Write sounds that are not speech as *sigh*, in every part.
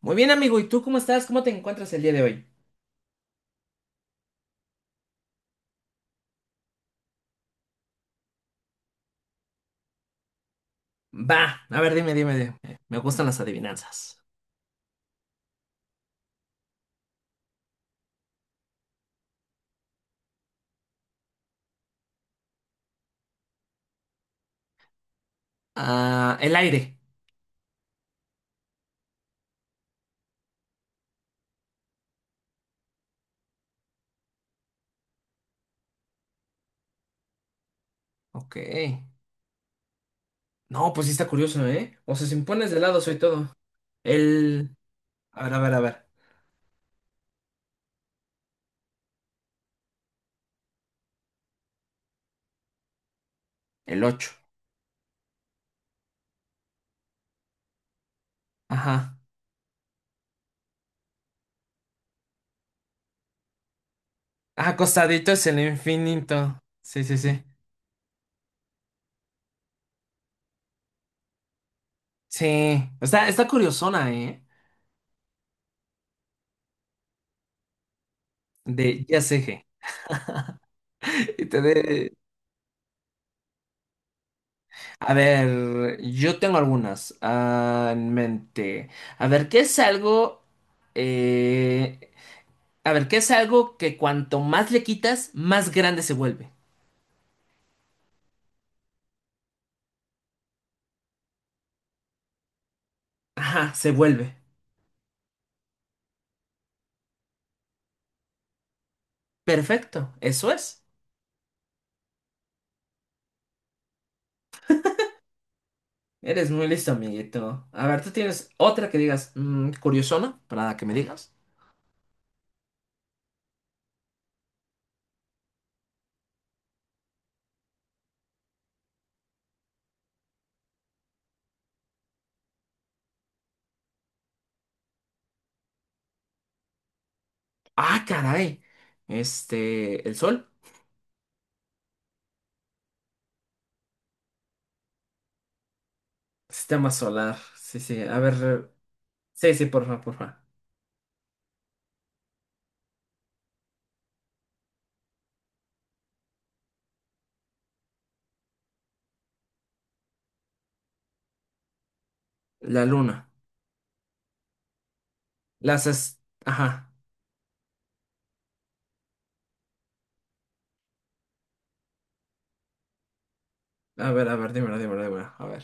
Muy bien, amigo. ¿Y tú cómo estás? ¿Cómo te encuentras el día de hoy? Va, a ver, dime. Me gustan las adivinanzas. Ah, el aire. Ok. No, pues sí está curioso, ¿eh? O sea, si me pones de lado soy todo. El... a ver. El ocho. Ajá. Ah, acostadito es el infinito. Sí, sí, sí. Sí. Está curiosona, ¿eh? De ya sé, je. *laughs* Y te de... A ver, yo tengo algunas en mente. A ver, ¿qué es algo? eh, a ver, ¿qué es algo que cuanto más le quitas, más grande se vuelve? Ajá, se vuelve. Perfecto, eso es. Eres muy listo, amiguito. A ver, ¿tú tienes otra que digas curiosona para que me digas? Ah, caray. Este, el sol. Sistema solar. Sí, sí. A ver. Sí, sí, porfa, porfa. La luna. Las... es- Ajá. A ver, dímela. A ver.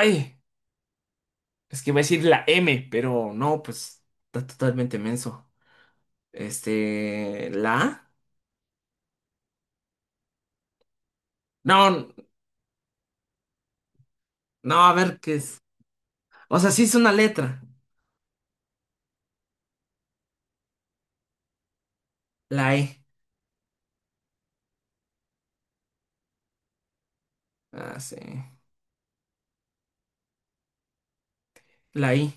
Ay, es que iba a decir la M, pero no, pues. Está totalmente menso. Este. ¿La A? No, no, a ver qué es. O sea, sí es una letra. La E. Ah, sí. La I.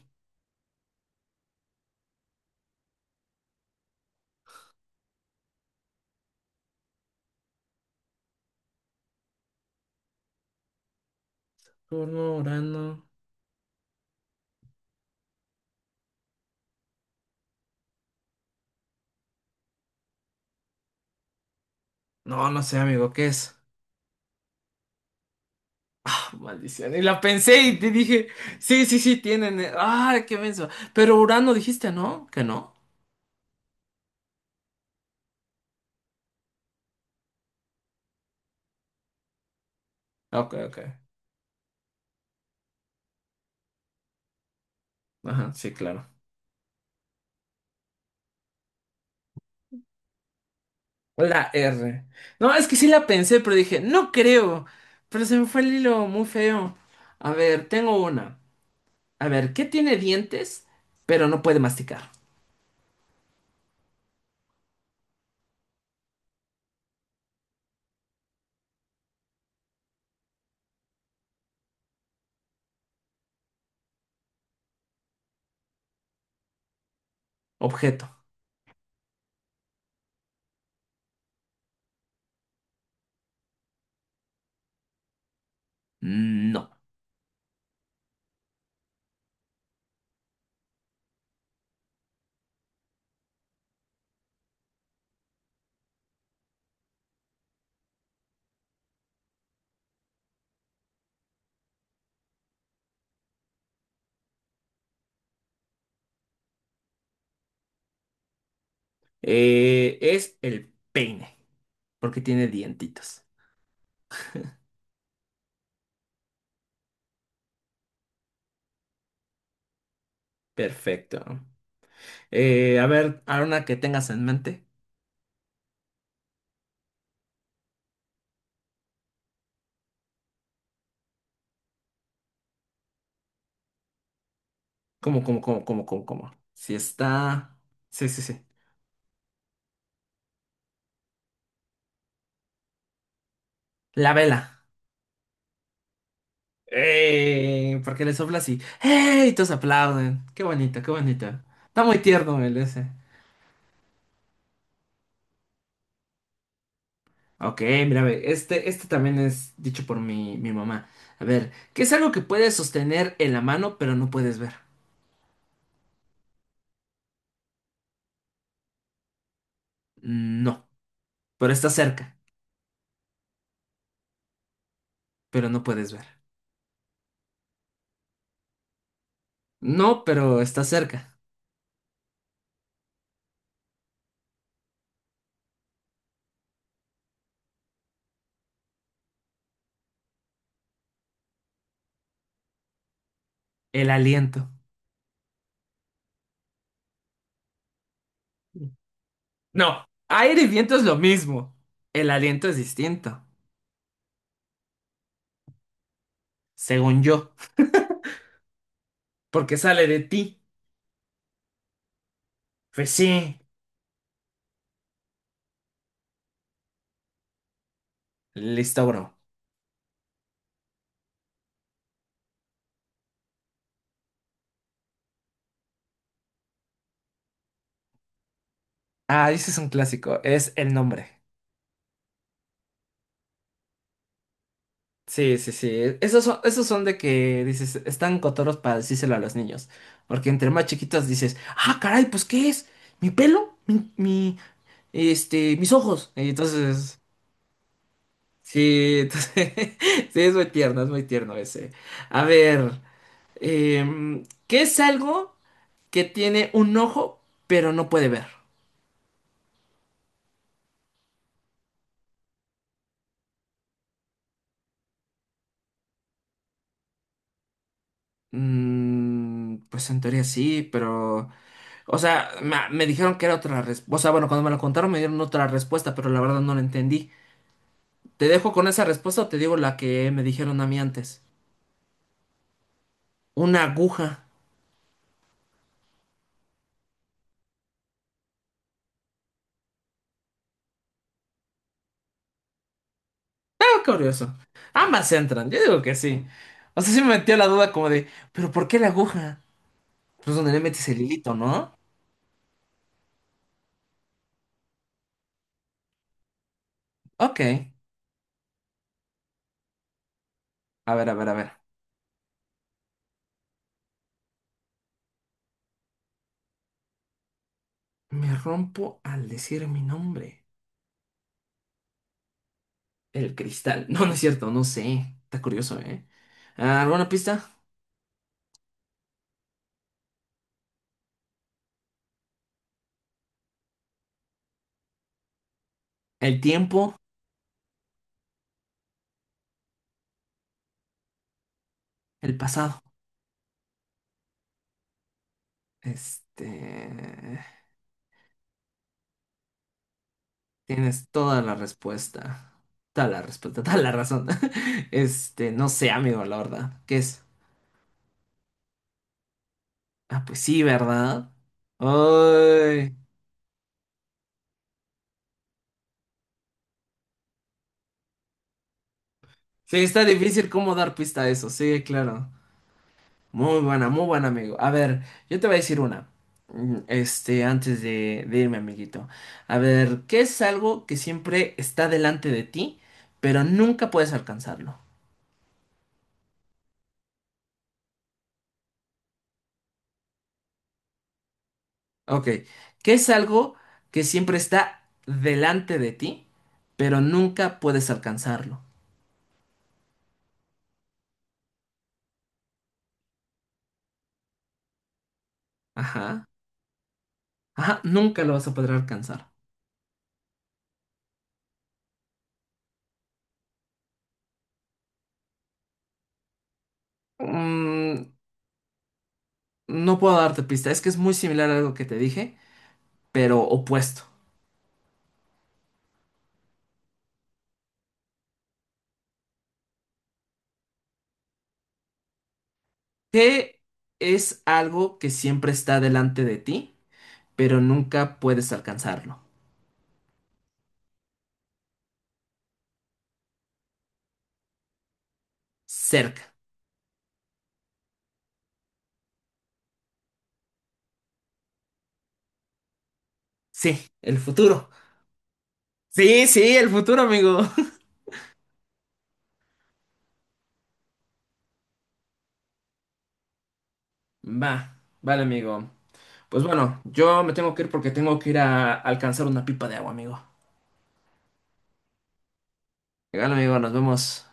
Turno, Urano. No, no sé, amigo, ¿qué es? Ah, maldición. Y la pensé y te dije. Sí, sí, sí, tienen. Ah, qué menso. Pero Urano dijiste, ¿no? Que no. Ok, ok. Ajá, sí, claro. La R. No, es que sí la pensé, pero dije, no creo. Pero se me fue el hilo muy feo. A ver, tengo una. A ver, ¿qué tiene dientes, pero no puede masticar? Objeto. No. Es el peine, porque tiene dientitos. Perfecto. A ver, ahora una que tengas en mente. Cómo? Si está... Sí, sí, sí. La vela. ¡Ey! Porque le sopla así. ¡Ey! Y todos aplauden. Qué bonito, qué bonito. Está muy tierno el ese. Ok, mira, ve, este también es dicho por mi mamá. A ver, ¿qué es algo que puedes sostener en la mano pero no puedes ver? No, pero está cerca, pero no puedes ver. No, pero está cerca. El aliento. No, aire y viento es lo mismo. El aliento es distinto, según yo, porque sale de ti. Pues sí. Listo, bro. Ah, ese es un clásico, es el nombre. Sí, sí, sí. Esos son de que dices, están cotorros para decírselo a los niños. Porque entre más chiquitos dices, ah, caray, pues ¿qué es? ¿Mi pelo? Mis ojos? Y entonces, sí, entonces, *laughs* sí, es muy tierno ese. A ver, ¿qué es algo que tiene un ojo pero no puede ver? Pues en teoría sí, pero... O sea, dijeron que era otra respuesta. O sea, bueno, cuando me lo contaron me dieron otra respuesta, pero la verdad no la entendí. ¿Te dejo con esa respuesta o te digo la que me dijeron a mí antes? Una aguja. Ah, curioso. Ambas entran, yo digo que sí. O sea, sí me metió la duda como de, ¿pero por qué la aguja? Pues donde le metes el hilito, ¿no? Ok. A ver. Me rompo al decir mi nombre. El cristal. No, no es cierto, no sé. Está curioso, ¿eh? Ah, ¿alguna pista? El tiempo, el pasado. Este, tienes toda la respuesta. Toda la respuesta, *laughs* toda la razón. *laughs* Este, no sé, amigo, la verdad. ¿Qué es? Ah, pues sí, ¿verdad? Ay. Sí, está difícil cómo dar pista a eso. Sí, claro. Muy buena, amigo. A ver, yo te voy a decir una. Antes de irme, amiguito. A ver, ¿qué es algo que siempre está delante de ti, pero nunca puedes alcanzarlo? Ok, ¿qué es algo que siempre está delante de ti, pero nunca puedes alcanzarlo? Ajá, ajá, nunca lo vas a poder alcanzar. Mm, no puedo darte pista, es que es muy similar a algo que te dije, pero opuesto. ¿Qué es algo que siempre está delante de ti, pero nunca puedes alcanzarlo? Cerca. Sí, el futuro. Sí, sí, el futuro, amigo. *laughs* Va, vale, amigo. Pues bueno, yo me tengo que ir porque tengo que ir a alcanzar una pipa de agua, amigo. Legal, amigo, nos vemos.